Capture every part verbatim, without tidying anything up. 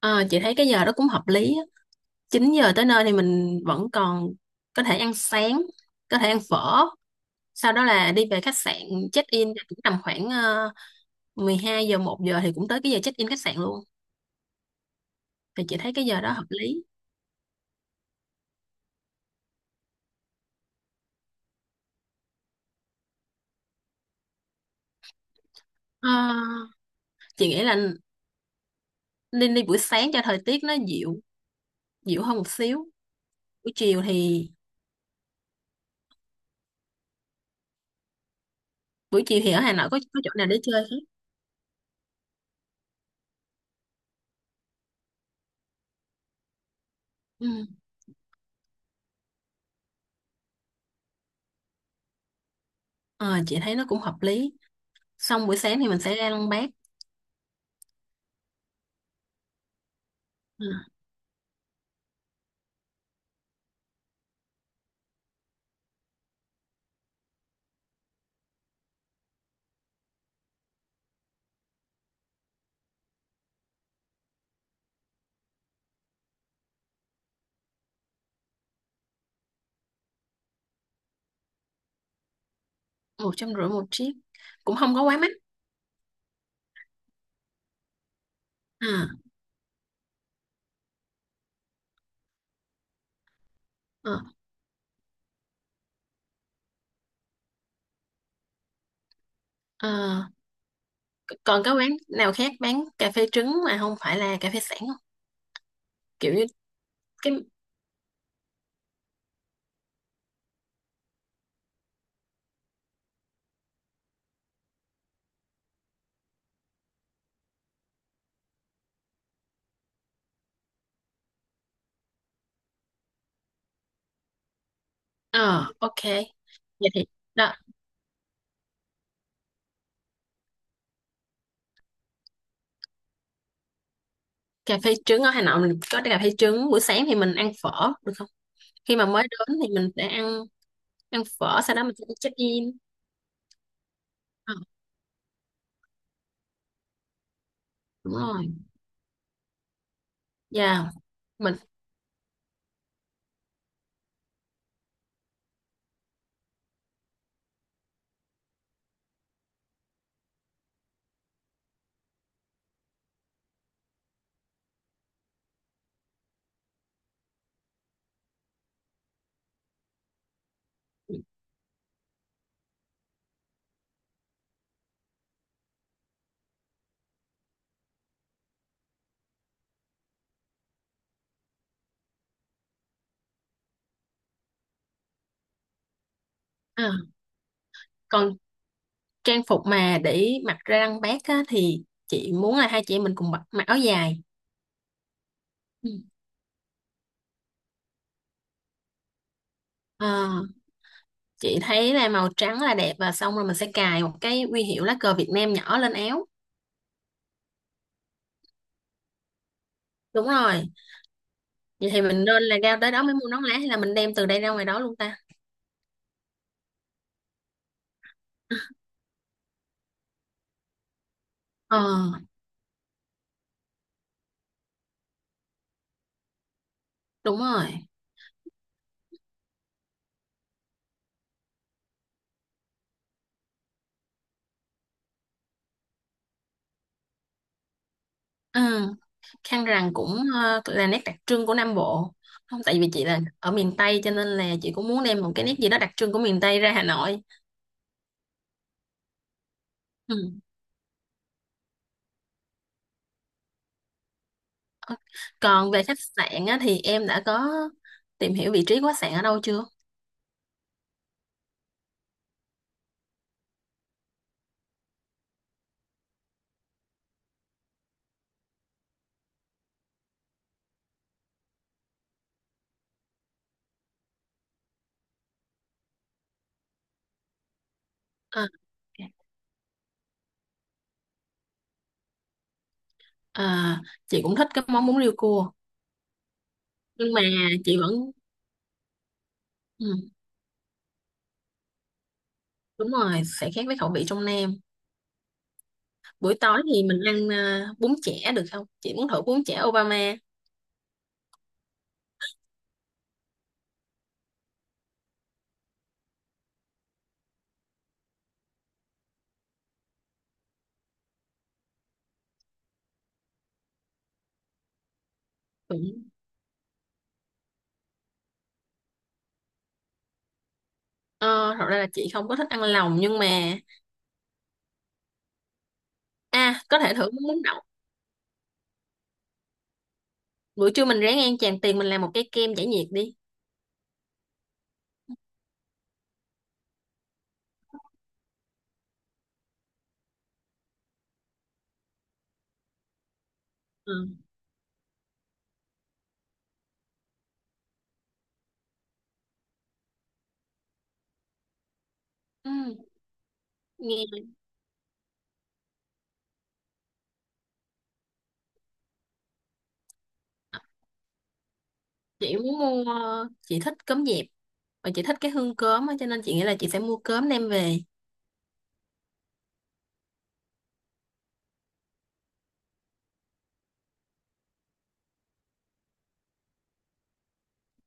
Ờ, chị thấy cái giờ đó cũng hợp lý á. chín giờ tới nơi thì mình vẫn còn có thể ăn sáng, có thể ăn phở. Sau đó là đi về khách sạn check in thì cũng tầm khoảng uh, mười hai giờ một giờ thì cũng tới cái giờ check in khách sạn luôn. Thì chị thấy cái giờ đó hợp lý. Ờ, chị nghĩ là nên đi buổi sáng cho thời tiết nó dịu, dịu hơn một xíu. Buổi chiều thì buổi chiều thì ở Hà Nội có có chỗ nào để chơi không? Ừ. Ờ, chị thấy nó cũng hợp lý. Xong buổi sáng thì mình sẽ ra Lăng Bác. Ừ. Một trăm rưỡi một chiếc cũng không có quá mắc. À, ờ, ờ, còn cái quán nào khác bán cà phê trứng mà không phải là cà phê sẵn không, kiểu như cái? Ờ, ok. Vậy thì đó, cà phê trứng ở Hà Nội mình có cà phê trứng, buổi sáng thì mình ăn phở được không? Khi mà mới đến thì mình sẽ ăn, ăn phở, sau đó mình sẽ đi check in. Ờ, đúng rồi. Dạ. Mình à, còn trang phục mà để mặc ra lăng bác á, thì chị muốn là hai chị em mình cùng mặc, mặc áo dài. Ừ. Ờ, chị thấy là màu trắng là đẹp, và xong rồi mình sẽ cài một cái huy hiệu lá cờ Việt Nam nhỏ lên áo. Đúng rồi. Vậy thì mình nên là ra tới đó mới mua nón lá, hay là mình đem từ đây ra ngoài đó luôn ta? Ờ, đúng rồi. Ừ. Khăn rằn cũng ờ, là nét đặc trưng của Nam Bộ. Không, tại vì chị là ở miền Tây cho nên là chị cũng muốn đem một cái nét gì đó đặc trưng của miền Tây ra Hà Nội. Ừ. Còn về khách sạn á, thì em đã có tìm hiểu vị trí của khách sạn ở đâu chưa? Ờ, ok. ờ, chị cũng thích cái món bún riêu cua, nhưng mà chị vẫn. Ừ. Đúng rồi, sẽ khác với khẩu vị trong Nam. Buổi tối thì mình ăn ờ, bún chả được không? Chị muốn thử bún chả Obama. Cũng, ờ, thật ra là chị không có thích ăn lòng, nhưng mà à, có thể thử bún bún đậu. Buổi trưa mình ráng ăn tràn tiền, mình làm một cái kem giải nhiệt đi. Ừ. Ừ, nghe. Chị muốn mua ờ, chị thích cơm dẹp, và chị thích cái hương cơm á, cho nên chị nghĩ là chị sẽ mua cơm đem về.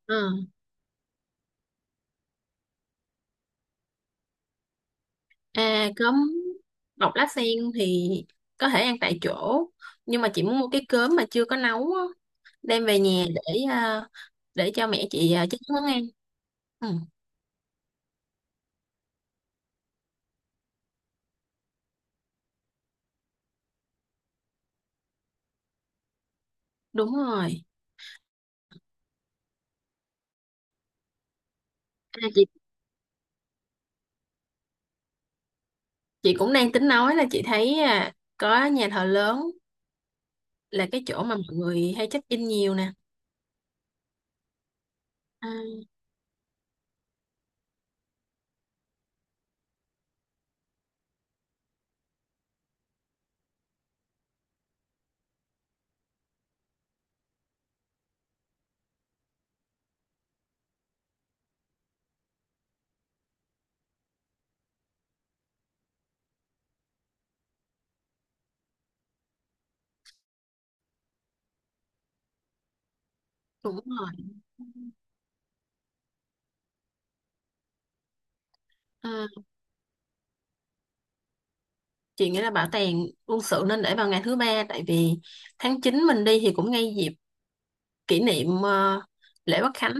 Ừ. À, cơm bọc lá sen thì có thể ăn tại chỗ, nhưng mà chị muốn mua cái cơm mà chưa có nấu á, đem về nhà để à, để cho mẹ chị à, chế biến món ăn. Ừ, đúng rồi. À, chị chị cũng đang tính nói là chị thấy à, có nhà thờ lớn là cái chỗ mà mọi người hay check in nhiều nè. À, đúng rồi. À, chị nghĩ là bảo tàng quân sự nên để vào ngày thứ ba, tại vì tháng chín mình đi thì cũng ngay dịp kỷ niệm ờ, lễ Quốc Khánh,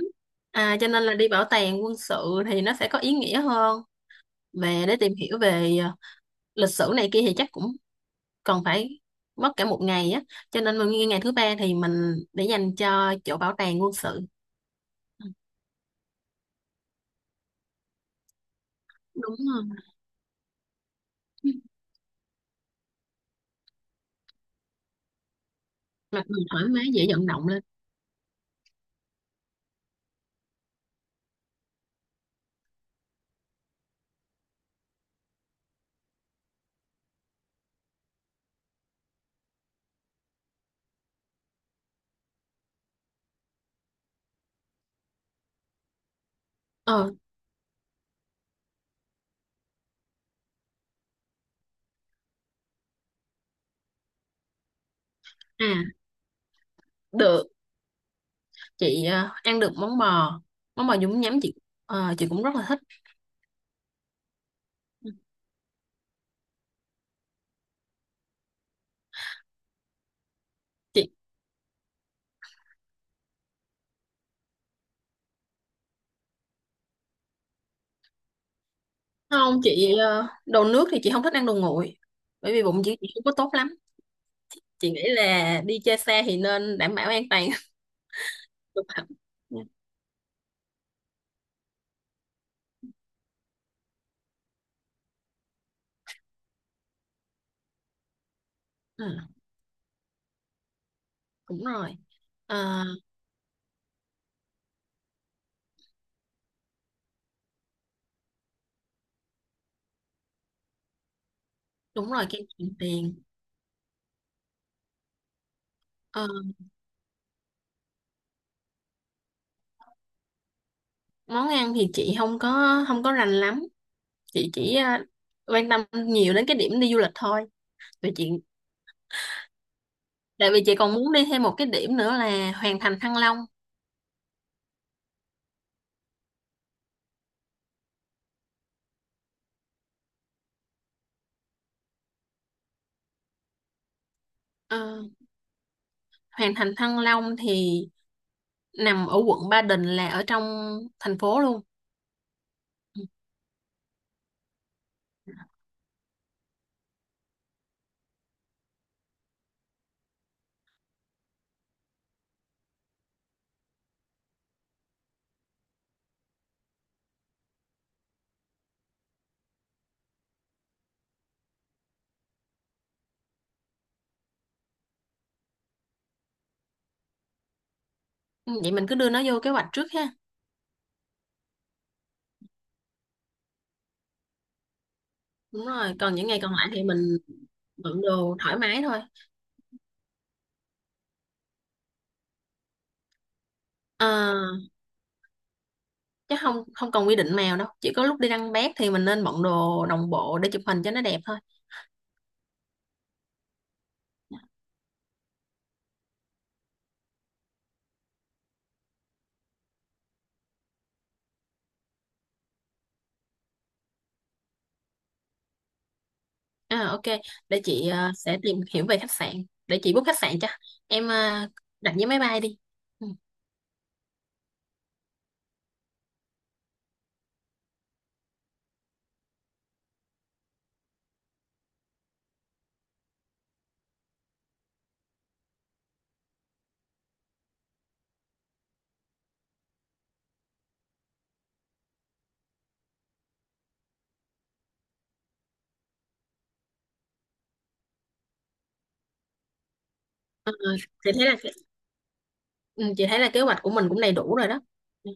à, cho nên là đi bảo tàng quân sự thì nó sẽ có ý nghĩa hơn, mà để tìm hiểu về ờ, lịch sử này kia thì chắc cũng còn phải mất cả một ngày á, cho nên mình nghĩ ngày thứ ba thì mình để dành cho chỗ bảo tàng quân sự. Đúng rồi. Mặt mình thoải mái dễ vận động lên. Ờ. À, được, chị ờ, ăn được món bò món bò nhúng nhắm, chị ờ, chị cũng rất là thích. Chị không, chị ờ, đồ nước thì chị không thích ăn đồ nguội, bởi vì bụng chị, chị không có tốt lắm. Chị nghĩ là đi chơi xa thì nên đảm bảo an toàn thực phẩm nha. Ờ, đúng rồi. Ờ, đúng rồi, kem Tràng tiền. Ờ, món ăn thì chị không có không có rành lắm, chị chỉ ờ, quan tâm nhiều đến cái điểm đi du lịch thôi, vì chị, tại vì chị còn muốn đi thêm một cái điểm nữa là Hoàng Thành Thăng Long. Ờ, Hoàng Thành Thăng Long thì nằm ở quận Ba Đình, là ở trong thành phố luôn. Ừ, vậy mình cứ đưa nó vô kế hoạch trước ha. Đúng rồi, còn những ngày còn lại thì mình bận đồ thoải mái thôi. À, chứ không, không cần quy định màu đâu, chỉ có lúc đi đăng bác thì mình nên bận đồ đồng bộ để chụp hình cho nó đẹp thôi. À, ok. Để chị ờ, sẽ tìm hiểu về khách sạn, để chị book khách sạn cho em ờ, đặt vé máy bay đi. Ừ. Chị thấy là, ừ, chị thấy là kế hoạch của mình cũng đầy đủ rồi đó. Ừ.